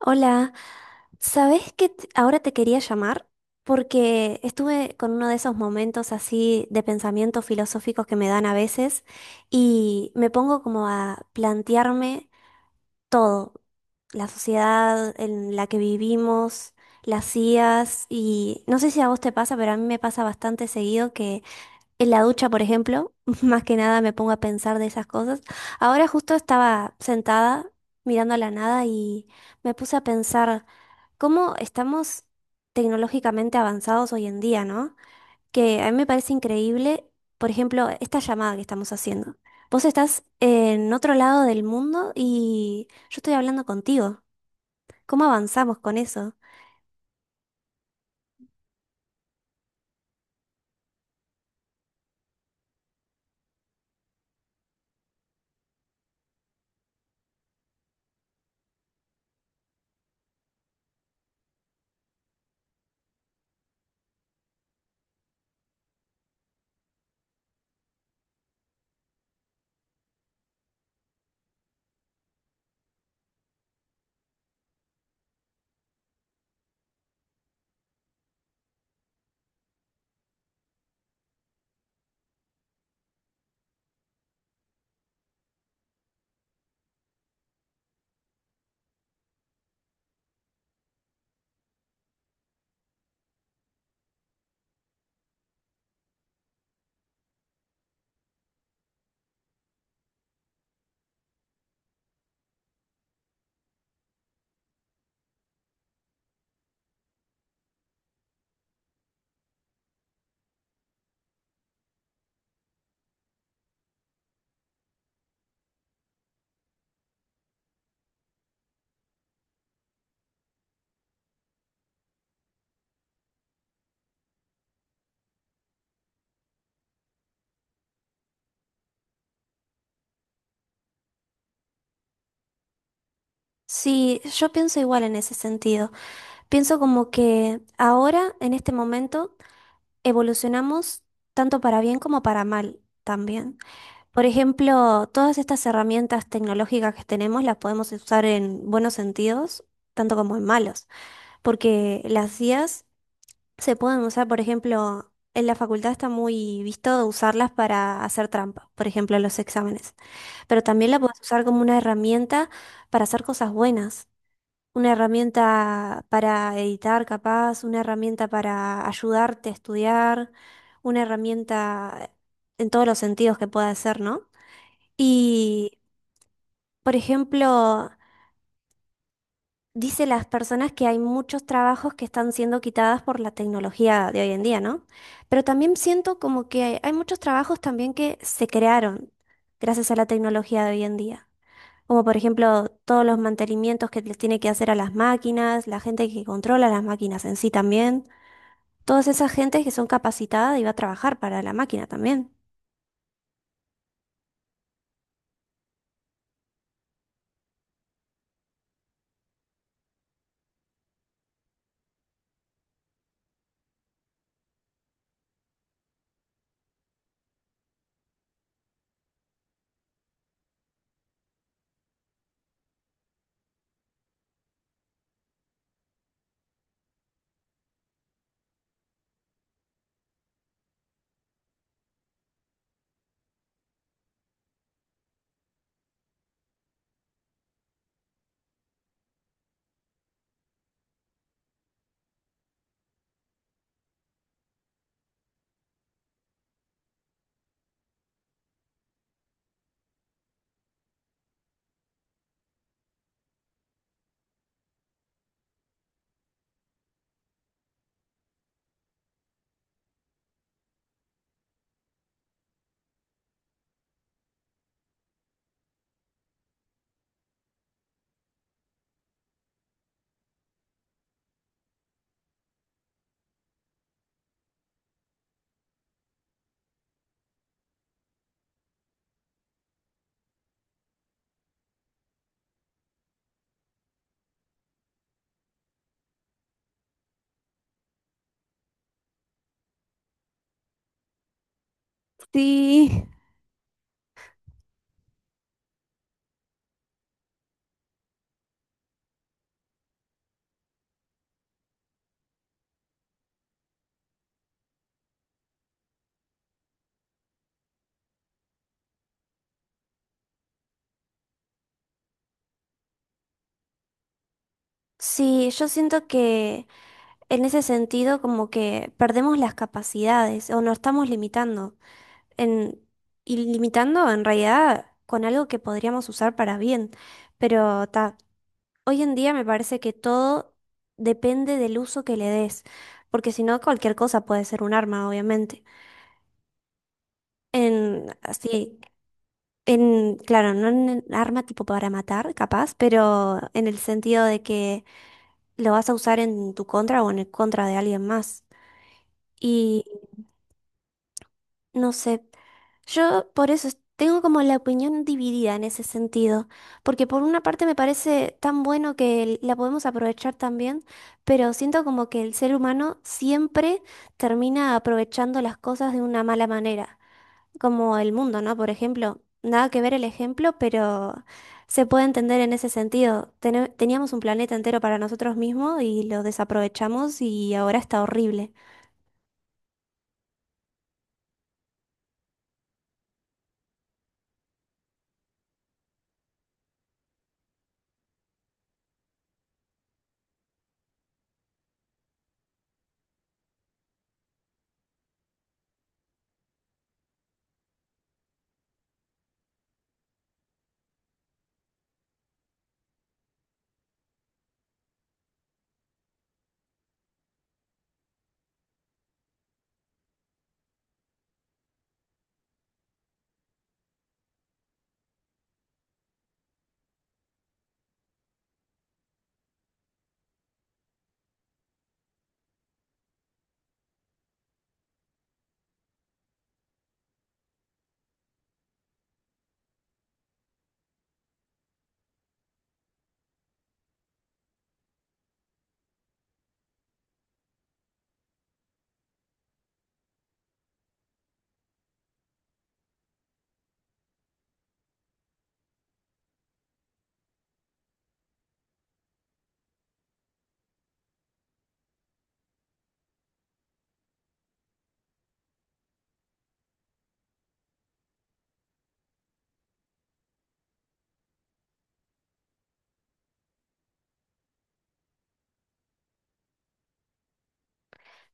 Hola, ¿sabés que ahora te quería llamar? Porque estuve con uno de esos momentos así de pensamientos filosóficos que me dan a veces y me pongo como a plantearme todo, la sociedad en la que vivimos, las IAs y no sé si a vos te pasa, pero a mí me pasa bastante seguido en la ducha, por ejemplo, más que nada me pongo a pensar de esas cosas. Ahora justo estaba sentada mirando a la nada y me puse a pensar cómo estamos tecnológicamente avanzados hoy en día, ¿no? Que a mí me parece increíble, por ejemplo, esta llamada que estamos haciendo. Vos estás en otro lado del mundo y yo estoy hablando contigo. ¿Cómo avanzamos con eso? Sí, yo pienso igual en ese sentido. Pienso como que ahora, en este momento, evolucionamos tanto para bien como para mal también. Por ejemplo, todas estas herramientas tecnológicas que tenemos las podemos usar en buenos sentidos, tanto como en malos, porque las IAs se pueden usar, por ejemplo, en la facultad está muy visto de usarlas para hacer trampa, por ejemplo, en los exámenes, pero también la puedes usar como una herramienta para hacer cosas buenas. Una herramienta para editar, capaz, una herramienta para ayudarte a estudiar, una herramienta en todos los sentidos que pueda ser, ¿no? Y, por ejemplo, dice las personas que hay muchos trabajos que están siendo quitadas por la tecnología de hoy en día, ¿no? Pero también siento como que hay muchos trabajos también que se crearon gracias a la tecnología de hoy en día. Como por ejemplo todos los mantenimientos que les tiene que hacer a las máquinas, la gente que controla las máquinas en sí también, todas esas gentes que son capacitadas y va a trabajar para la máquina también. Sí, sí, yo siento que en ese sentido como que perdemos las capacidades o nos estamos limitando en, y limitando en realidad con algo que podríamos usar para bien, pero ta. Hoy en día me parece que todo depende del uso que le des, porque si no, cualquier cosa puede ser un arma, obviamente. En, así, en, claro, no en arma tipo para matar, capaz, pero en el sentido de que lo vas a usar en tu contra o en el contra de alguien más. No sé, yo por eso tengo como la opinión dividida en ese sentido, porque por una parte me parece tan bueno que la podemos aprovechar también, pero siento como que el ser humano siempre termina aprovechando las cosas de una mala manera, como el mundo, ¿no? Por ejemplo, nada que ver el ejemplo, pero se puede entender en ese sentido. Teníamos un planeta entero para nosotros mismos y lo desaprovechamos y ahora está horrible.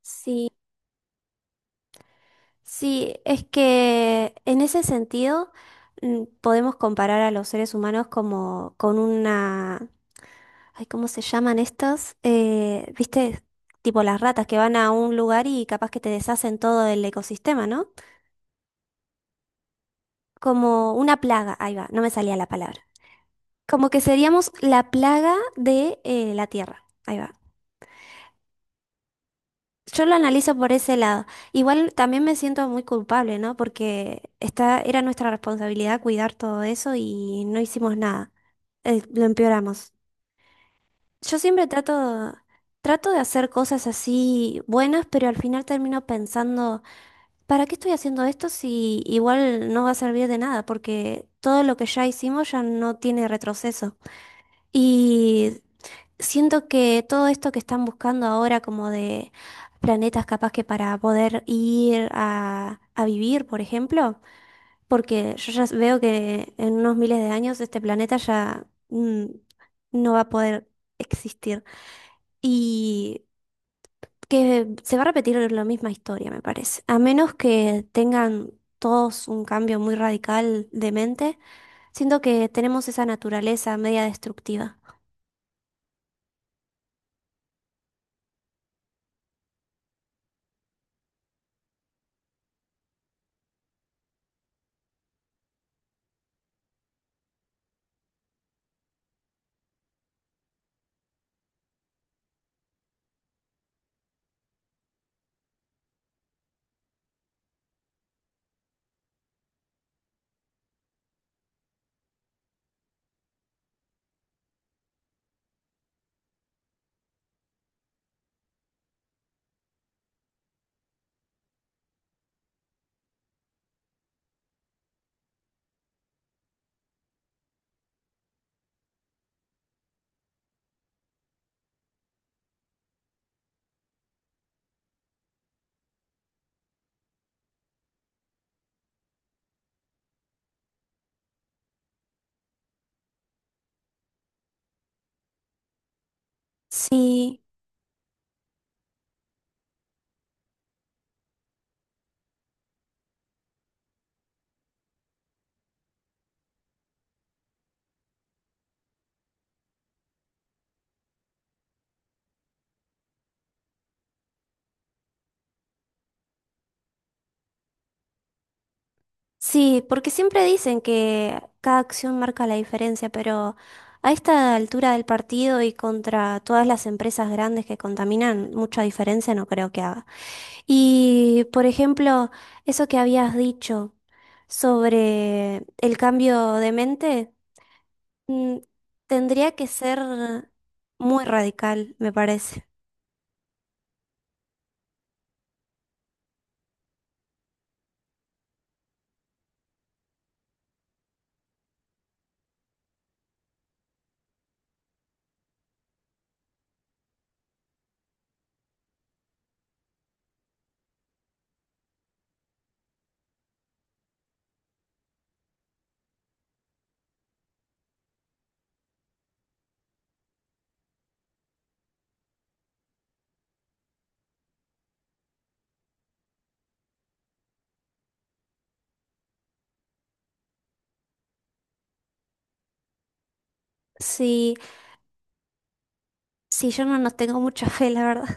Sí. Sí, es que en ese sentido podemos comparar a los seres humanos como con una... Ay, ¿cómo se llaman estos? ¿Viste? Tipo las ratas que van a un lugar y capaz que te deshacen todo el ecosistema, ¿no? Como una plaga, ahí va, no me salía la palabra. Como que seríamos la plaga de la Tierra, ahí va. Yo lo analizo por ese lado. Igual también me siento muy culpable, ¿no? Porque esta era nuestra responsabilidad cuidar todo eso y no hicimos nada. Lo empeoramos. Yo siempre trato de hacer cosas así buenas, pero al final termino pensando, ¿para qué estoy haciendo esto si igual no va a servir de nada? Porque todo lo que ya hicimos ya no tiene retroceso. Y siento que todo esto que están buscando ahora, como de planetas capaz que para poder ir a vivir, por ejemplo, porque yo ya veo que en unos miles de años este planeta ya no va a poder existir. Y que se va a repetir la misma historia, me parece. A menos que tengan todos un cambio muy radical de mente, siento que tenemos esa naturaleza media destructiva. Sí. Sí, porque siempre dicen que cada acción marca la diferencia, pero a esta altura del partido y contra todas las empresas grandes que contaminan, mucha diferencia no creo que haga. Y, por ejemplo, eso que habías dicho sobre el cambio de mente, mm, tendría que ser muy radical, me parece. Sí, sí, yo no nos tengo mucha fe, la verdad.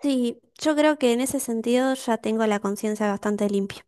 Sí, yo creo que en ese sentido ya tengo la conciencia bastante limpia.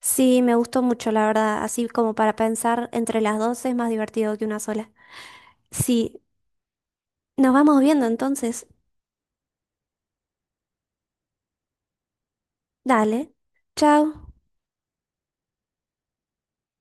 Sí, me gustó mucho, la verdad. Así como para pensar entre las dos es más divertido que una sola. Sí, nos vamos viendo entonces. Dale. Chao.